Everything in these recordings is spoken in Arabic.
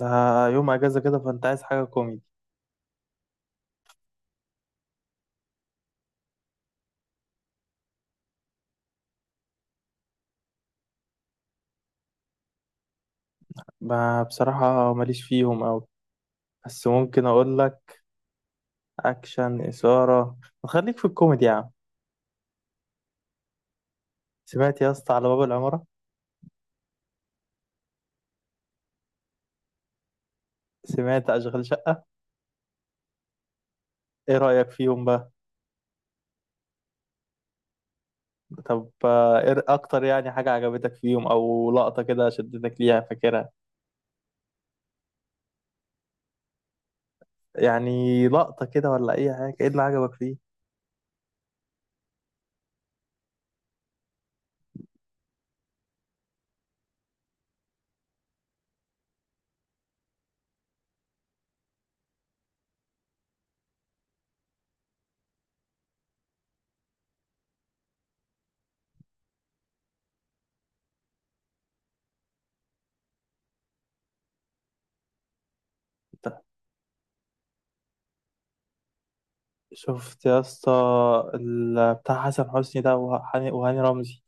يوم اجازه كده فانت عايز حاجه كوميدي. ما بصراحه ماليش فيهم أوي، بس ممكن اقول لك اكشن اثاره. خليك في الكوميدي يا عم. سمعت يا اسطى على باب العماره؟ سمعت اشغال شقه؟ ايه رايك فيهم بقى؟ طب ايه اكتر يعني حاجه عجبتك فيهم او لقطه كده شدتك ليها فاكرها؟ يعني لقطه كده ولا اي حاجه، ايه اللي عجبك فيه؟ أنت شفت يا اسطى بتاع حسن حسني ده، وهاني رمزي،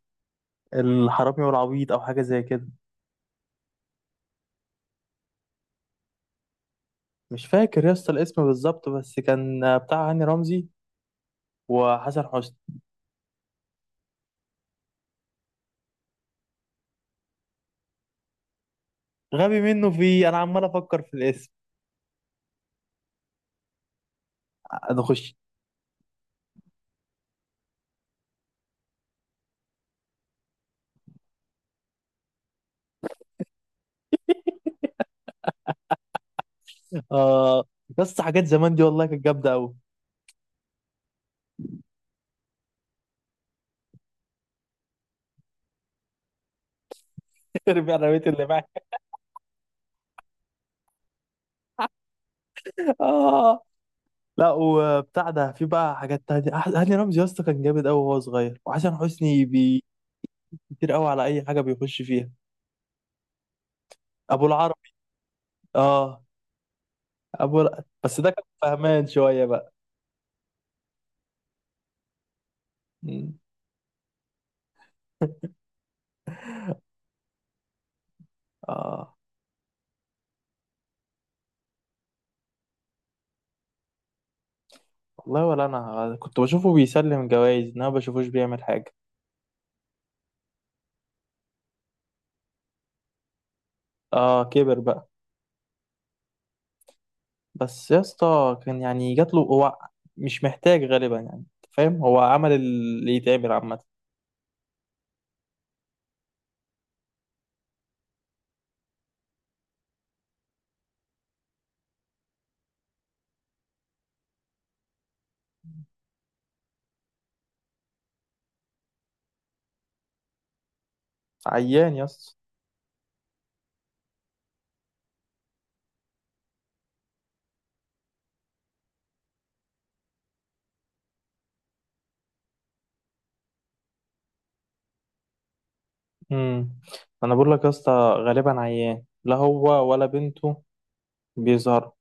الحرامي والعبيط او حاجه زي كده؟ مش فاكر يا اسطى الاسم بالظبط، بس كان بتاع هاني رمزي وحسن حسني. غبي منه في، انا عمال افكر في الاسم. نخش. اه، بس حاجات زمان دي والله كانت جامده قوي. رجعنا بيت اللي معايا. اه، لا وبتاع ده في بقى حاجات تانية. هاني رمزي يا اسطى كان جامد قوي وهو صغير، وحسن حسني كتير قوي على اي حاجه بيخش فيها. ابو العرب. اه، بس ده كان فهمان شويه بقى. مم. اه، والله ولا انا كنت بشوفه بيسلم جوائز، انا ما بشوفوش بيعمل حاجه. اه، كبر بقى. بس يا اسطى كان يعني جات له هو، مش محتاج غالبا يعني. أنت فاهم، هو عمل اللي يتعمل عامة. عيان يا اسطى. امم انا بقول لك يا اسطى، غالبا عيان لا هو ولا بنته بيظهر،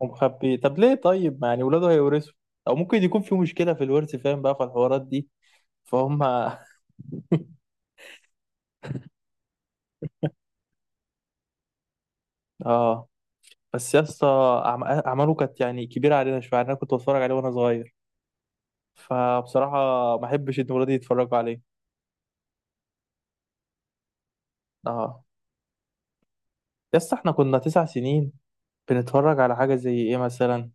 ومخبي. طب ليه طيب؟ يعني ولاده هيورثوا، او ممكن يكون في مشكلة في الورث، فاهم بقى في الحوارات دي. فهم. اه، بس يا اسطى اعماله كانت يعني كبيرة علينا شوية، يعني انا كنت بتفرج عليه وانا صغير، فبصراحة ما احبش ان ولادي يتفرجوا عليه. اه. يس احنا كنا تسع سنين، بنتفرج على حاجة زي ايه مثلا؟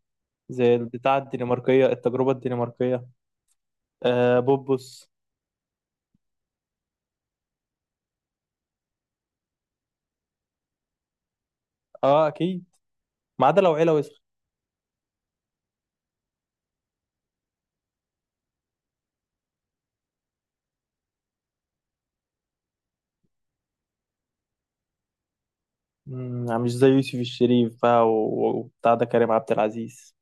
زي البتاع الدنماركية، التجربة الدنماركية. آه، بوبوس. اه اكيد، ما عدا لو عيلة وسخة. مم، مش زي يوسف الشريف بقى وبتاع ده كريم عبد العزيز.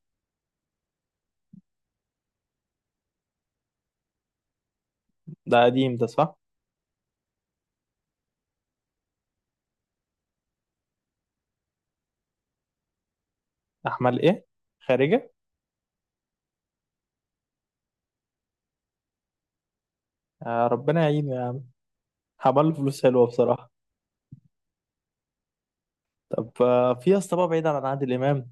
ده قديم ده، صح؟ احمد ايه، خارجة. آه، ربنا يعينه يا عم. عمل له فلوس حلوة بصراحة. طب في يا اسطى بقى، بعيد عن عادل امام،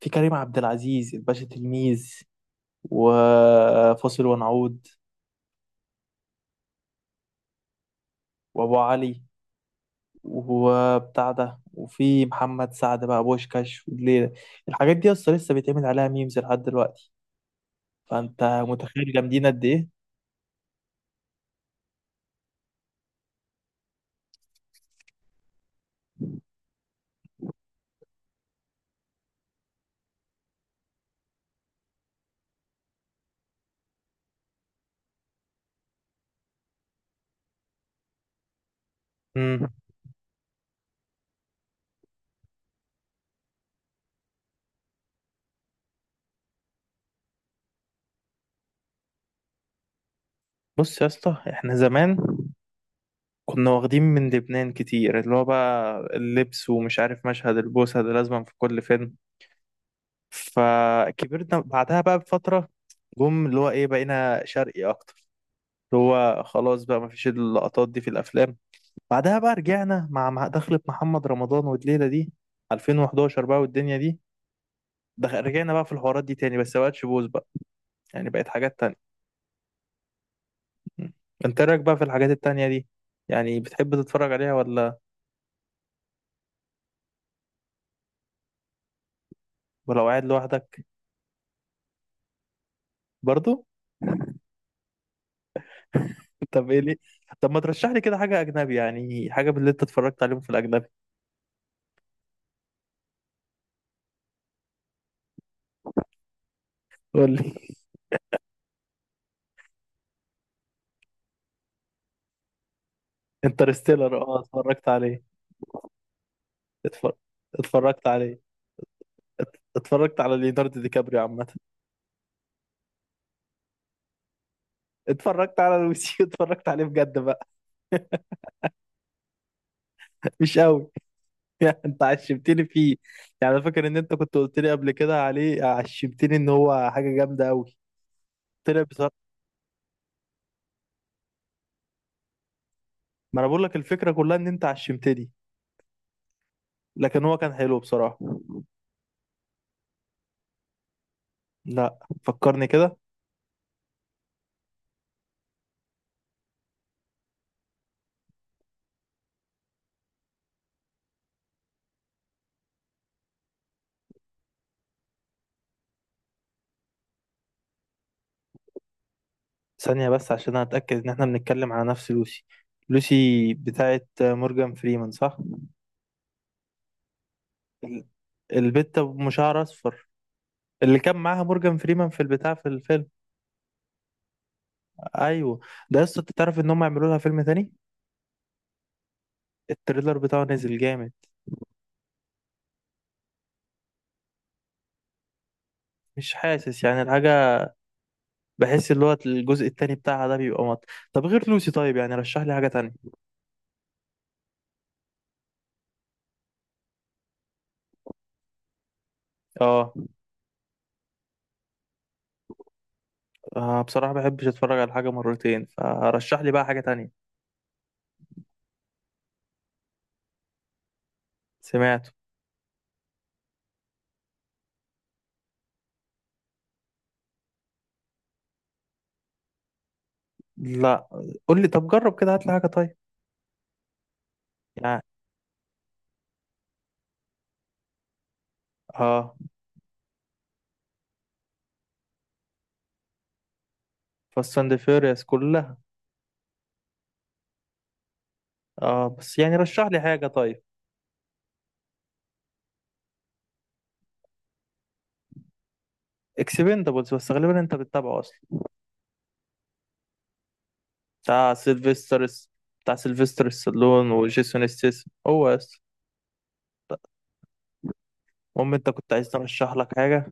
في كريم عبد العزيز، الباشا تلميذ وفاصل ونعود وابو علي وبتاع ده، وفي محمد سعد بقى، بوشكاش والليلة. الحاجات دي اصلا لسه بيتعمل عليها ميمز لحد دلوقتي، فانت متخيل جامدين قد ايه. امم بص يا اسطى، احنا زمان كنا واخدين من لبنان كتير، اللي هو بقى اللبس، ومش عارف مشهد البوسة ده لازم في كل فيلم. فكبرنا بعدها بقى بفترة، جم اللي هو ايه، بقينا شرقي اكتر، اللي هو خلاص بقى مفيش اللقطات دي في الافلام. بعدها بقى رجعنا مع دخلة محمد رمضان والليلة دي، 2011 بقى والدنيا دي. رجعنا بقى في الحوارات دي تاني، بس مبقتش بوز بقى، يعني بقت حاجات تانية. م. انت إيه رأيك بقى في الحاجات التانية دي؟ يعني بتحب تتفرج عليها ولا؟ ولو قاعد لوحدك برضو؟ طب ايه ليه؟ طب ما ترشح لي كده حاجة أجنبي، يعني حاجة من اللي انت اتفرجت عليهم في الأجنبي. قول لي. انترستيلر، اه اتفرجت عليه. اتفرج اتفرجت عليه. اتفرجت على ليوناردو دي كابريو عامة. اتفرجت على لويس اتفرجت عليه بجد بقى. مش قوي. يعني انت عشمتني فيه. يعني انا فاكر ان انت كنت قلت لي قبل كده عليه، عشمتني ان هو حاجه جامده قوي. طلع بصراحه. ما انا بقول لك الفكره كلها ان انت عشمتني، لكن هو كان حلو بصراحه. لا، فكرني كده. ثانيه بس عشان اتاكد ان احنا بنتكلم على نفس لوسي. لوسي بتاعت مورجان فريمان، صح؟ ال- البت ام شعر اصفر، اللي كان معاها مورجان فريمان في البتاع، في الفيلم. ايوه. ده لسه، تعرف ان هم يعملوا لها فيلم تاني؟ التريلر بتاعه نزل جامد. مش حاسس يعني الحاجه، بحس اللي هو الجزء التاني بتاعها ده بيبقى مط. طب غير لوسي طيب، يعني رشح لي حاجة تانية. اه بصراحة ما بحبش اتفرج على حاجة مرتين، فرشح لي بقى حاجة تانية. سمعته. لا، قول لي. طب جرب كده هات لي حاجة طيب. يعني، اه، فاست اند فيوريوس كلها. اه بس يعني رشح لي حاجة طيب. اكسبندبلز، بس غالبا انت بتتابعه اصلا. بتاع سيلفسترس بتاع سيلفستر ستالون وجيسون ستاثام هو اصلا. المهم انت كنت عايز ترشح لك حاجة،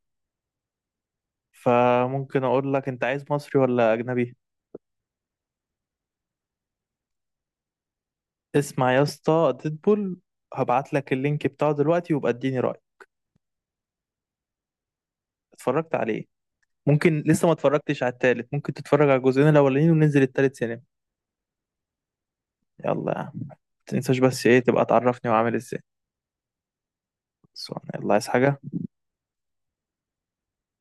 فممكن اقول لك: انت عايز مصري ولا اجنبي؟ اسمع يا اسطى، ديدبول. هبعت لك اللينك بتاعه دلوقتي، وابقى اديني رأي. اتفرجت عليه، ممكن لسه ما اتفرجتش على التالت. ممكن تتفرج على الجزئين الاولانيين وننزل التالت سينما. يلا يا عم، ما تنساش بس ايه تبقى تعرفني وعامل ازاي. بس يلا، عايز حاجة.